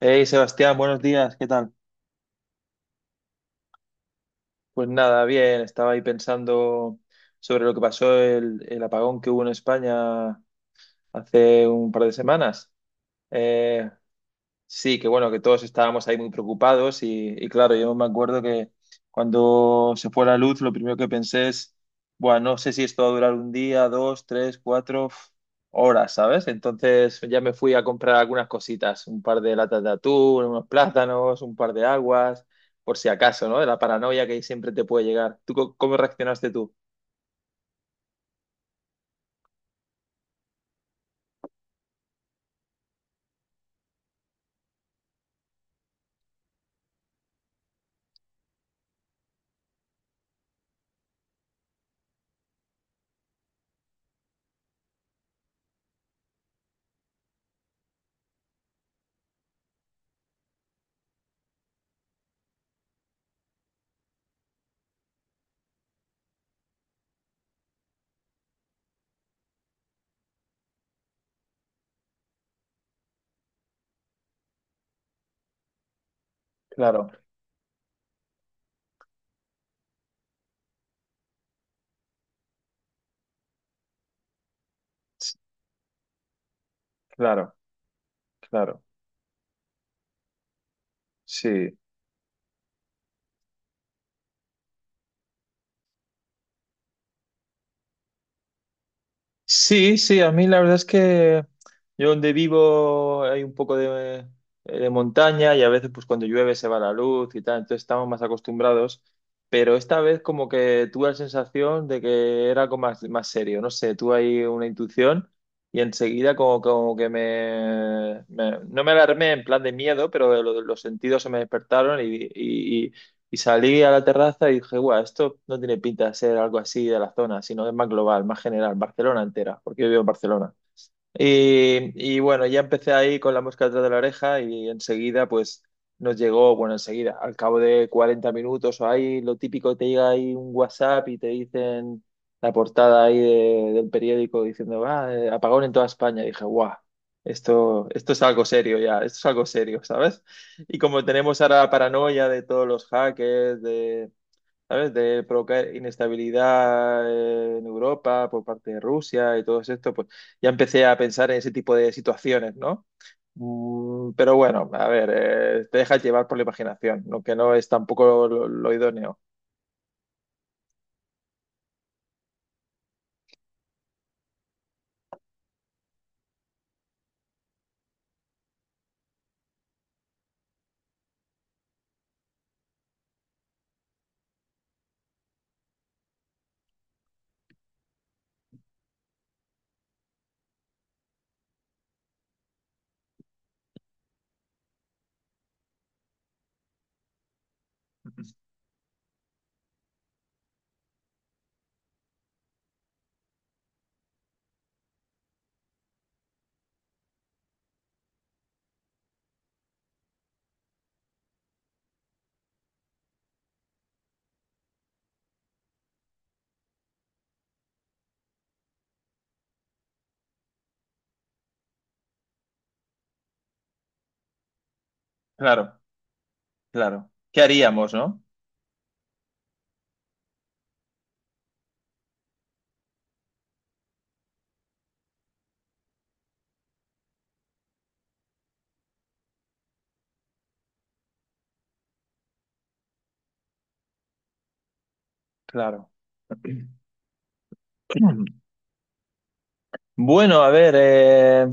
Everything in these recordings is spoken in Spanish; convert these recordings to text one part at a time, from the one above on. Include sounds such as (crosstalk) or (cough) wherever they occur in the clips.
Hey Sebastián, buenos días, ¿qué tal? Pues nada, bien, estaba ahí pensando sobre lo que pasó el apagón que hubo en España hace un par de semanas. Eh, Sí, que bueno, que todos estábamos ahí muy preocupados y claro, yo me acuerdo que cuando se fue la luz, lo primero que pensé es, bueno, no sé si esto va a durar un día, dos, tres, cuatro horas, ¿sabes? Entonces ya me fui a comprar algunas cositas, un par de latas de atún, unos plátanos, un par de aguas, por si acaso, ¿no? De la paranoia que siempre te puede llegar. ¿Tú cómo reaccionaste tú? Claro, claro, claro. Sí. Sí, sí, a mí la verdad es que yo donde vivo hay un poco de montaña y a veces pues cuando llueve se va la luz y tal, entonces estamos más acostumbrados, pero esta vez como que tuve la sensación de que era algo más, más serio, no sé, tuve ahí una intuición y enseguida como, como que no me alarmé en plan de miedo, pero los sentidos se me despertaron y salí a la terraza y dije, guau, esto no tiene pinta de ser algo así de la zona, sino es más global, más general, Barcelona entera, porque yo vivo en Barcelona. Y bueno, ya empecé ahí con la mosca detrás de la oreja y enseguida pues nos llegó, bueno, enseguida, al cabo de 40 minutos o ahí, lo típico, te llega ahí un WhatsApp y te dicen la portada ahí del periódico diciendo, ah, apagón en toda España. Y dije, guau, esto es algo serio ya, esto es algo serio, ¿sabes? Y como tenemos ahora la paranoia de todos los hackers, ¿sabes? De provocar inestabilidad en Europa por parte de Rusia y todo esto, pues ya empecé a pensar en ese tipo de situaciones, ¿no? Mm, pero bueno, a ver, te dejas llevar por la imaginación, lo que no es tampoco lo idóneo. Claro, claro. ¿Qué haríamos, no? Claro. (clears throat) Bueno, a ver,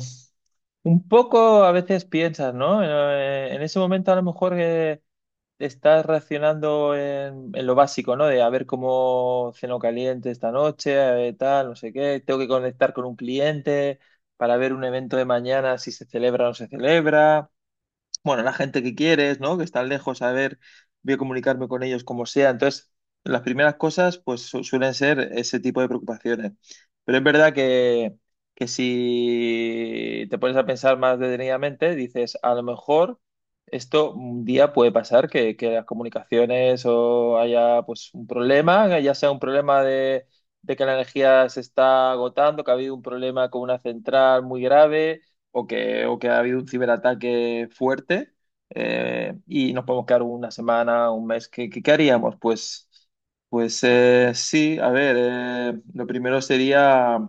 un poco a veces piensas, ¿no? En ese momento a lo mejor estás reaccionando en lo básico, ¿no? De a ver cómo ceno caliente esta noche, a ver tal, no sé qué. Tengo que conectar con un cliente para ver un evento de mañana, si se celebra o no se celebra bueno, la gente que quieres, ¿no? Que están lejos, a ver, voy a comunicarme con ellos como sea. Entonces, las primeras cosas, pues suelen ser ese tipo de preocupaciones. Pero es verdad que si te pones a pensar más detenidamente, dices, a lo mejor esto un día puede pasar, que las comunicaciones o haya pues un problema, que ya sea un problema de que la energía se está agotando, que ha habido un problema con una central muy grave o que ha habido un ciberataque fuerte y nos podemos quedar una semana, un mes. ¿Qué, qué, qué haríamos? Pues, pues sí, a ver, lo primero sería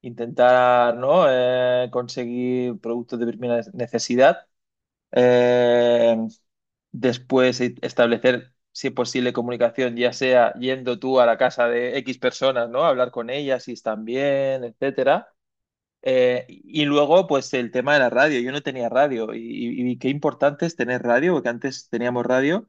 intentar, ¿no? Conseguir productos de primera necesidad. Eh, después establecer, si es posible, comunicación, ya sea yendo tú a la casa de X personas, ¿no? Hablar con ellas si están bien, etcétera. Y luego, pues el tema de la radio. Yo no tenía radio y qué importante es tener radio, porque antes teníamos radio,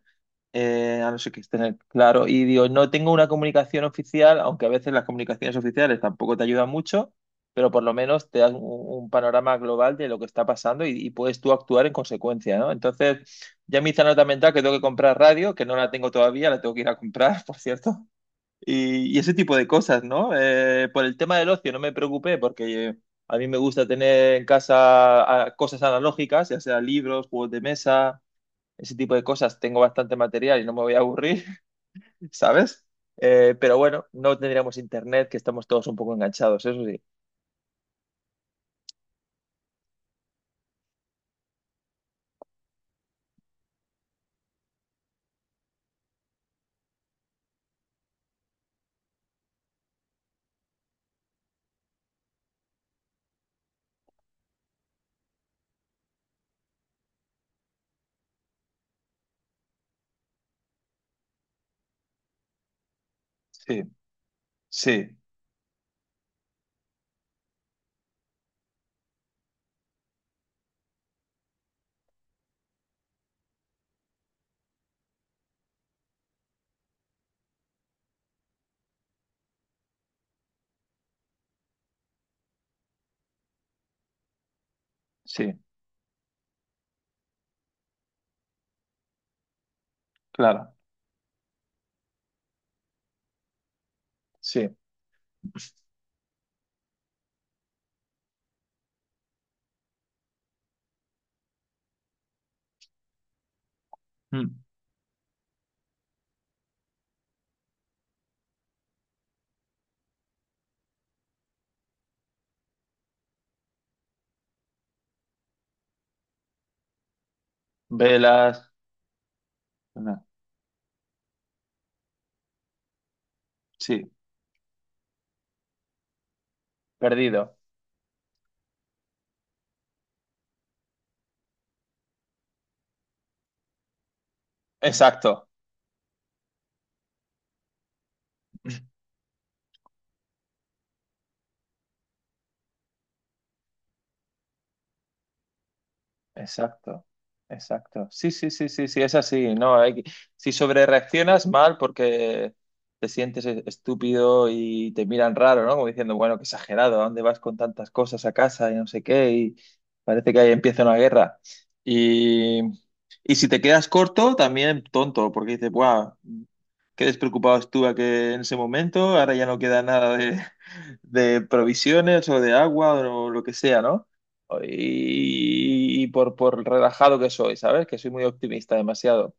a no ser que tener claro. Y digo, no tengo una comunicación oficial, aunque a veces las comunicaciones oficiales tampoco te ayudan mucho, pero por lo menos te dan un panorama global de lo que está pasando y puedes tú actuar en consecuencia, ¿no? Entonces, ya me hice nota mental que tengo que comprar radio, que no la tengo todavía, la tengo que ir a comprar, (laughs) por cierto. Y ese tipo de cosas, ¿no? Por el tema del ocio no me preocupé porque a mí me gusta tener en casa cosas analógicas, ya sea libros, juegos de mesa, ese tipo de cosas. Tengo bastante material y no me voy a aburrir, (laughs) ¿sabes? Pero bueno, no tendríamos internet, que estamos todos un poco enganchados, eso sí. Sí, sí, sí, claro, sí. Mm. Velas, no, sí, perdido. Exacto. (laughs) Exacto, exacto. Sí, sí, sí, sí, sí, es así, ¿no? Si sobrereaccionas mal porque te sientes estúpido y te miran raro, ¿no? Como diciendo, bueno, qué exagerado, ¿a dónde vas con tantas cosas a casa y no sé qué? Y parece que ahí empieza una guerra. Y, y si te quedas corto, también tonto, porque dices, wow, qué despreocupado estuve que en ese momento, ahora ya no queda nada de, de provisiones o de agua o lo que sea, ¿no? Y por relajado que soy, ¿sabes? Que soy muy optimista, demasiado.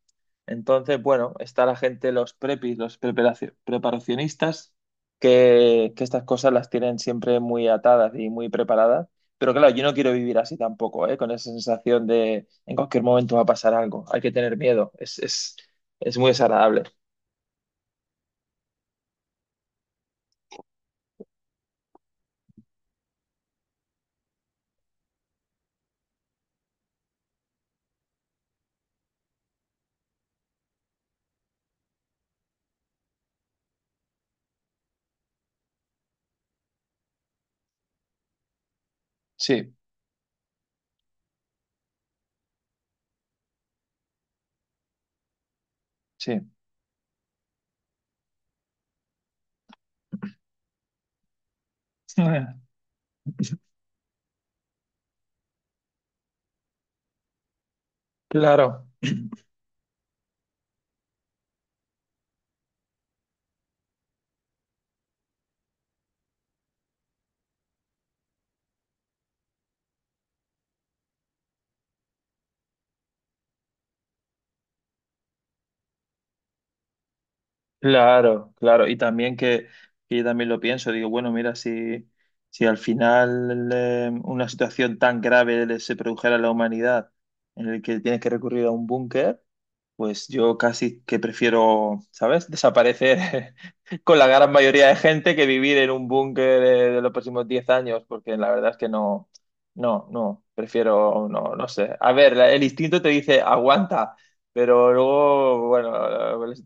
Entonces, bueno, está la gente, los prepis, los preparacionistas, que estas cosas las tienen siempre muy atadas y muy preparadas. Pero claro, yo no quiero vivir así tampoco, ¿eh? Con esa sensación de en cualquier momento va a pasar algo. Hay que tener miedo. Es muy desagradable. Sí, sí. (laughs) Claro, claro, claro. Y también que yo también lo pienso, digo, bueno, mira, si, si al final una situación tan grave se produjera a la humanidad en el que tienes que recurrir a un búnker, pues yo casi que prefiero, ¿sabes? Desaparecer (laughs) con la gran mayoría de gente que vivir en un búnker de los próximos 10 años, porque la verdad es que no, no, no, prefiero, no, no sé. A ver, el instinto te dice, aguanta, pero luego, bueno, eh,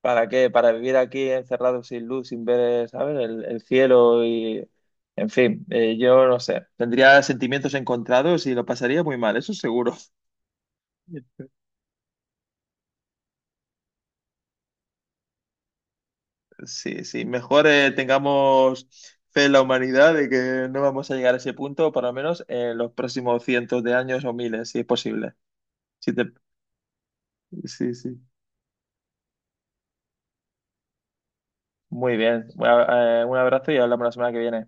¿para qué? Para vivir aquí encerrado sin luz, sin ver, ¿sabes? El cielo y, en fin, yo no sé. Tendría sentimientos encontrados y lo pasaría muy mal, eso seguro. Sí, sí, mejor tengamos fe en la humanidad de que no vamos a llegar a ese punto, por lo menos en los próximos cientos de años o miles, si es posible. Si te- Sí, sí. Muy bien. Bueno, un abrazo y hablamos la semana que viene.